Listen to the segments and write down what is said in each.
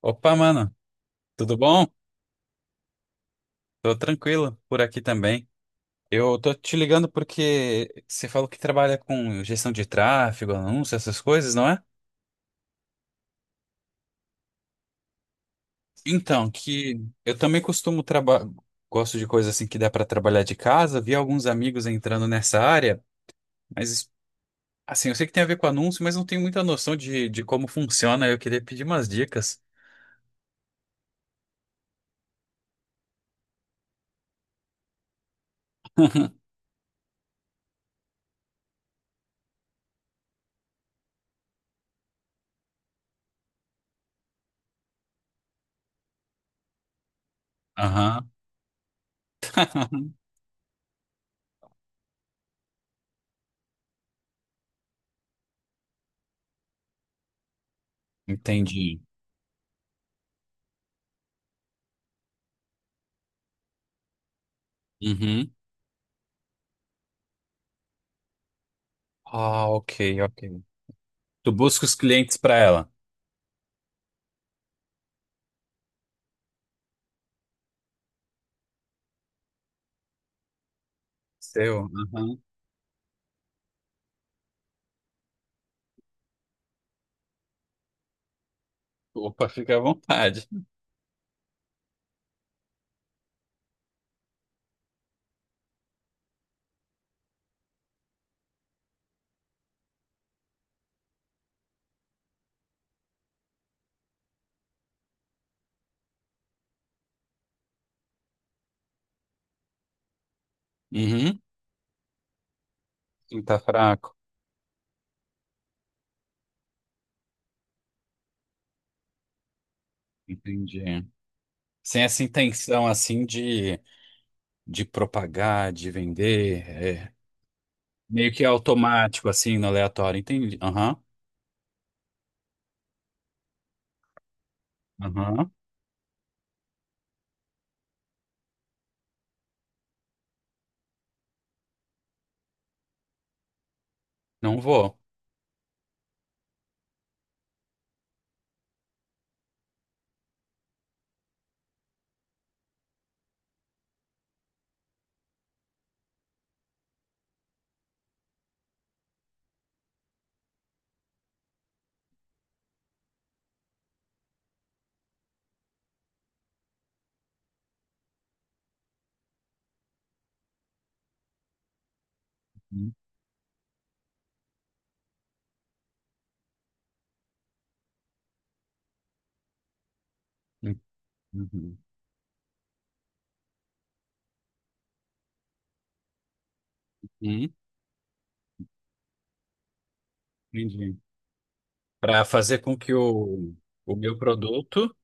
Opa, mano, tudo bom? Tô tranquilo por aqui também. Eu tô te ligando porque você falou que trabalha com gestão de tráfego, anúncio, essas coisas, não é? Então, que eu também costumo trabalhar, gosto de coisas assim que dá pra trabalhar de casa, vi alguns amigos entrando nessa área, mas assim, eu sei que tem a ver com anúncio, mas não tenho muita noção de como funciona. Eu queria pedir umas dicas. Aham, entendi. Uhum. Ah, ok, ok. Tu busca os clientes pra ela. Seu? Aham. Opa, fica à vontade. Uhum. Sim, tá fraco. Entendi. Sem essa intenção, assim, de propagar, de vender. É meio que automático, assim, no aleatório. Entendi. Aham. Aham. Não vou. Uhum. Uhum. Uhum. Entendi. Para fazer com que o meu produto,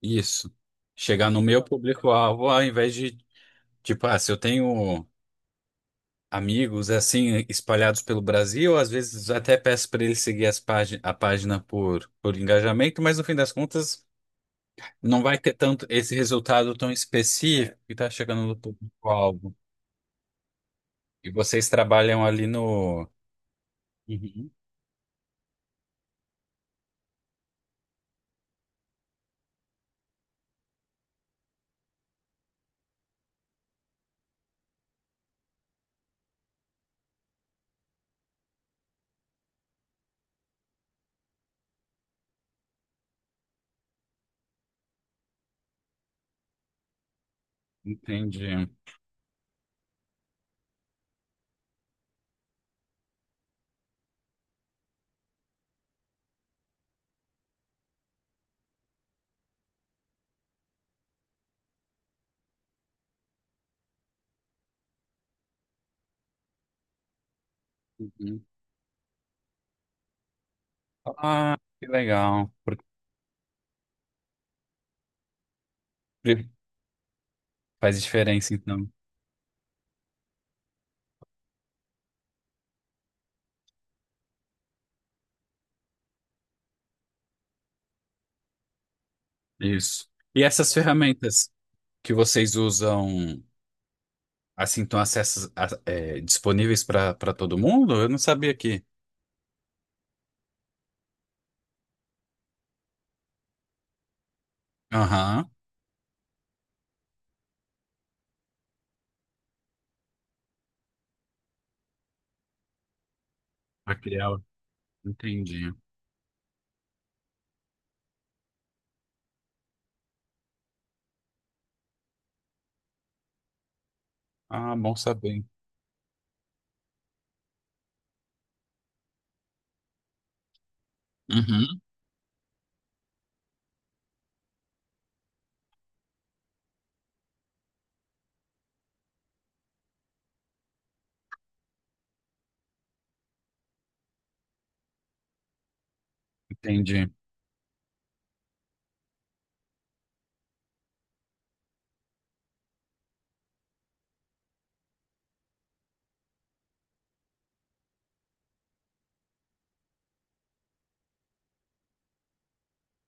isso, chegar no meu público-alvo, ao invés de, tipo, ah, se eu tenho. Amigos é assim espalhados pelo Brasil, às vezes até peço para ele seguir as págin a página por engajamento, mas no fim das contas não vai ter tanto esse resultado tão específico que está chegando no público-alvo. E vocês trabalham ali no. Uhum, entendi. Uhum. Ah, que legal. Por- Faz diferença, então. Isso. E essas ferramentas que vocês usam, assim, estão acessas, a- é, disponíveis para todo mundo? Eu não sabia que. Aham. Pra criar. Entendi. Ah, bom saber. Uhum. Entendi.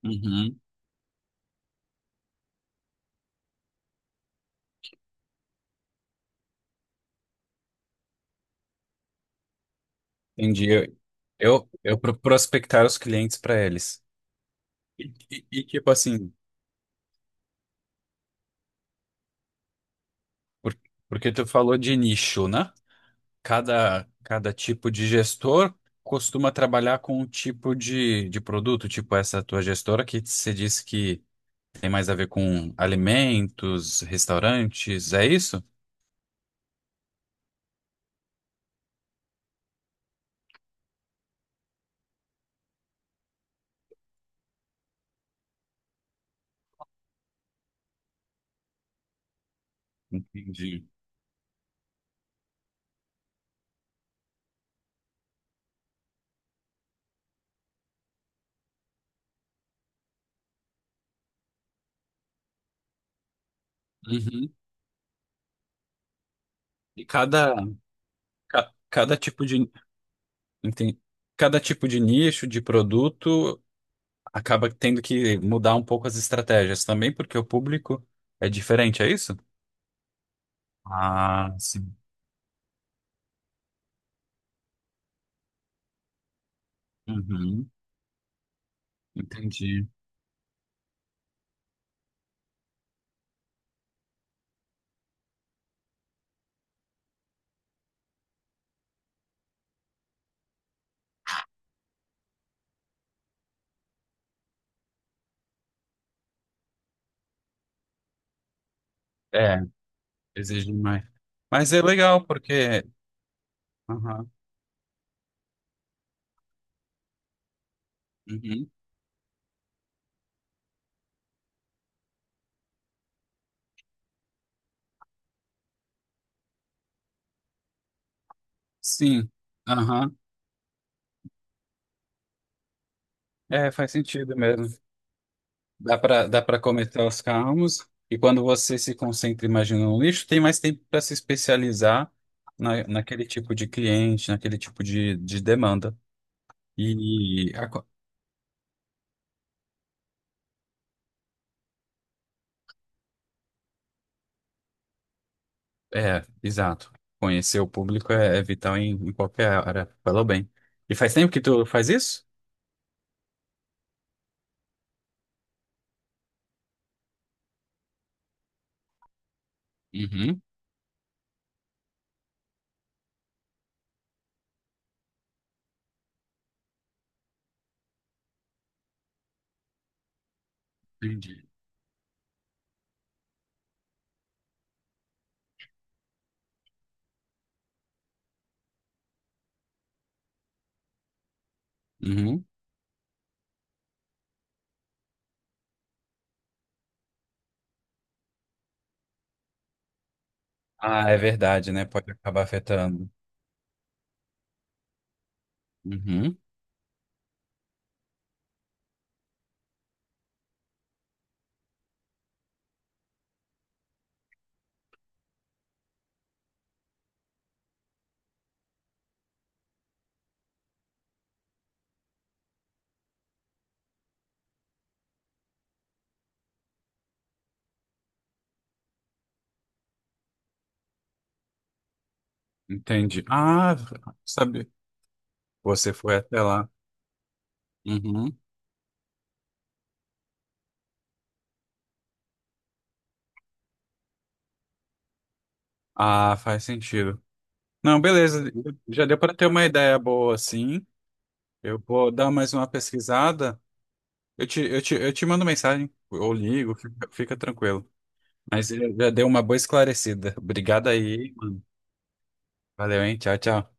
Uhum. Entendi. Eu pro- prospectar os clientes para eles. E, tipo assim, por- porque tu falou de nicho, né? Cada tipo de gestor costuma trabalhar com um tipo de produto, tipo essa tua gestora que você disse que tem mais a ver com alimentos, restaurantes, é isso? Entendi. Uhum. E cada, cada tipo de Entendi. Cada tipo de nicho, de produto, acaba tendo que mudar um pouco as estratégias também, porque o público é diferente, é isso? Ah, sim. Uhum, entendi. É, exige mais. Mas é legal, porque. Aham, uhum, sim. Aham. É, faz sentido mesmo. Dá para cometer os calmos, e quando você se concentra, imagina, no nicho, tem mais tempo para se especializar na, naquele tipo de cliente, naquele tipo de demanda. E a co- É, exato. Conhecer o público é, é vital em qualquer área. Falou bem. E faz tempo que tu faz isso? Uhum. Entendi. Uhum. Ah, é verdade, né? Pode acabar afetando. Uhum. Entendi. Ah, sabe. Você foi até lá. Uhum. Ah, faz sentido. Não, beleza. Já deu para ter uma ideia boa, assim. Eu vou dar mais uma pesquisada. Eu te mando mensagem. Ou ligo, fica tranquilo. Mas já deu uma boa esclarecida. Obrigado aí, mano. Valeu, hein? Tchau, tchau.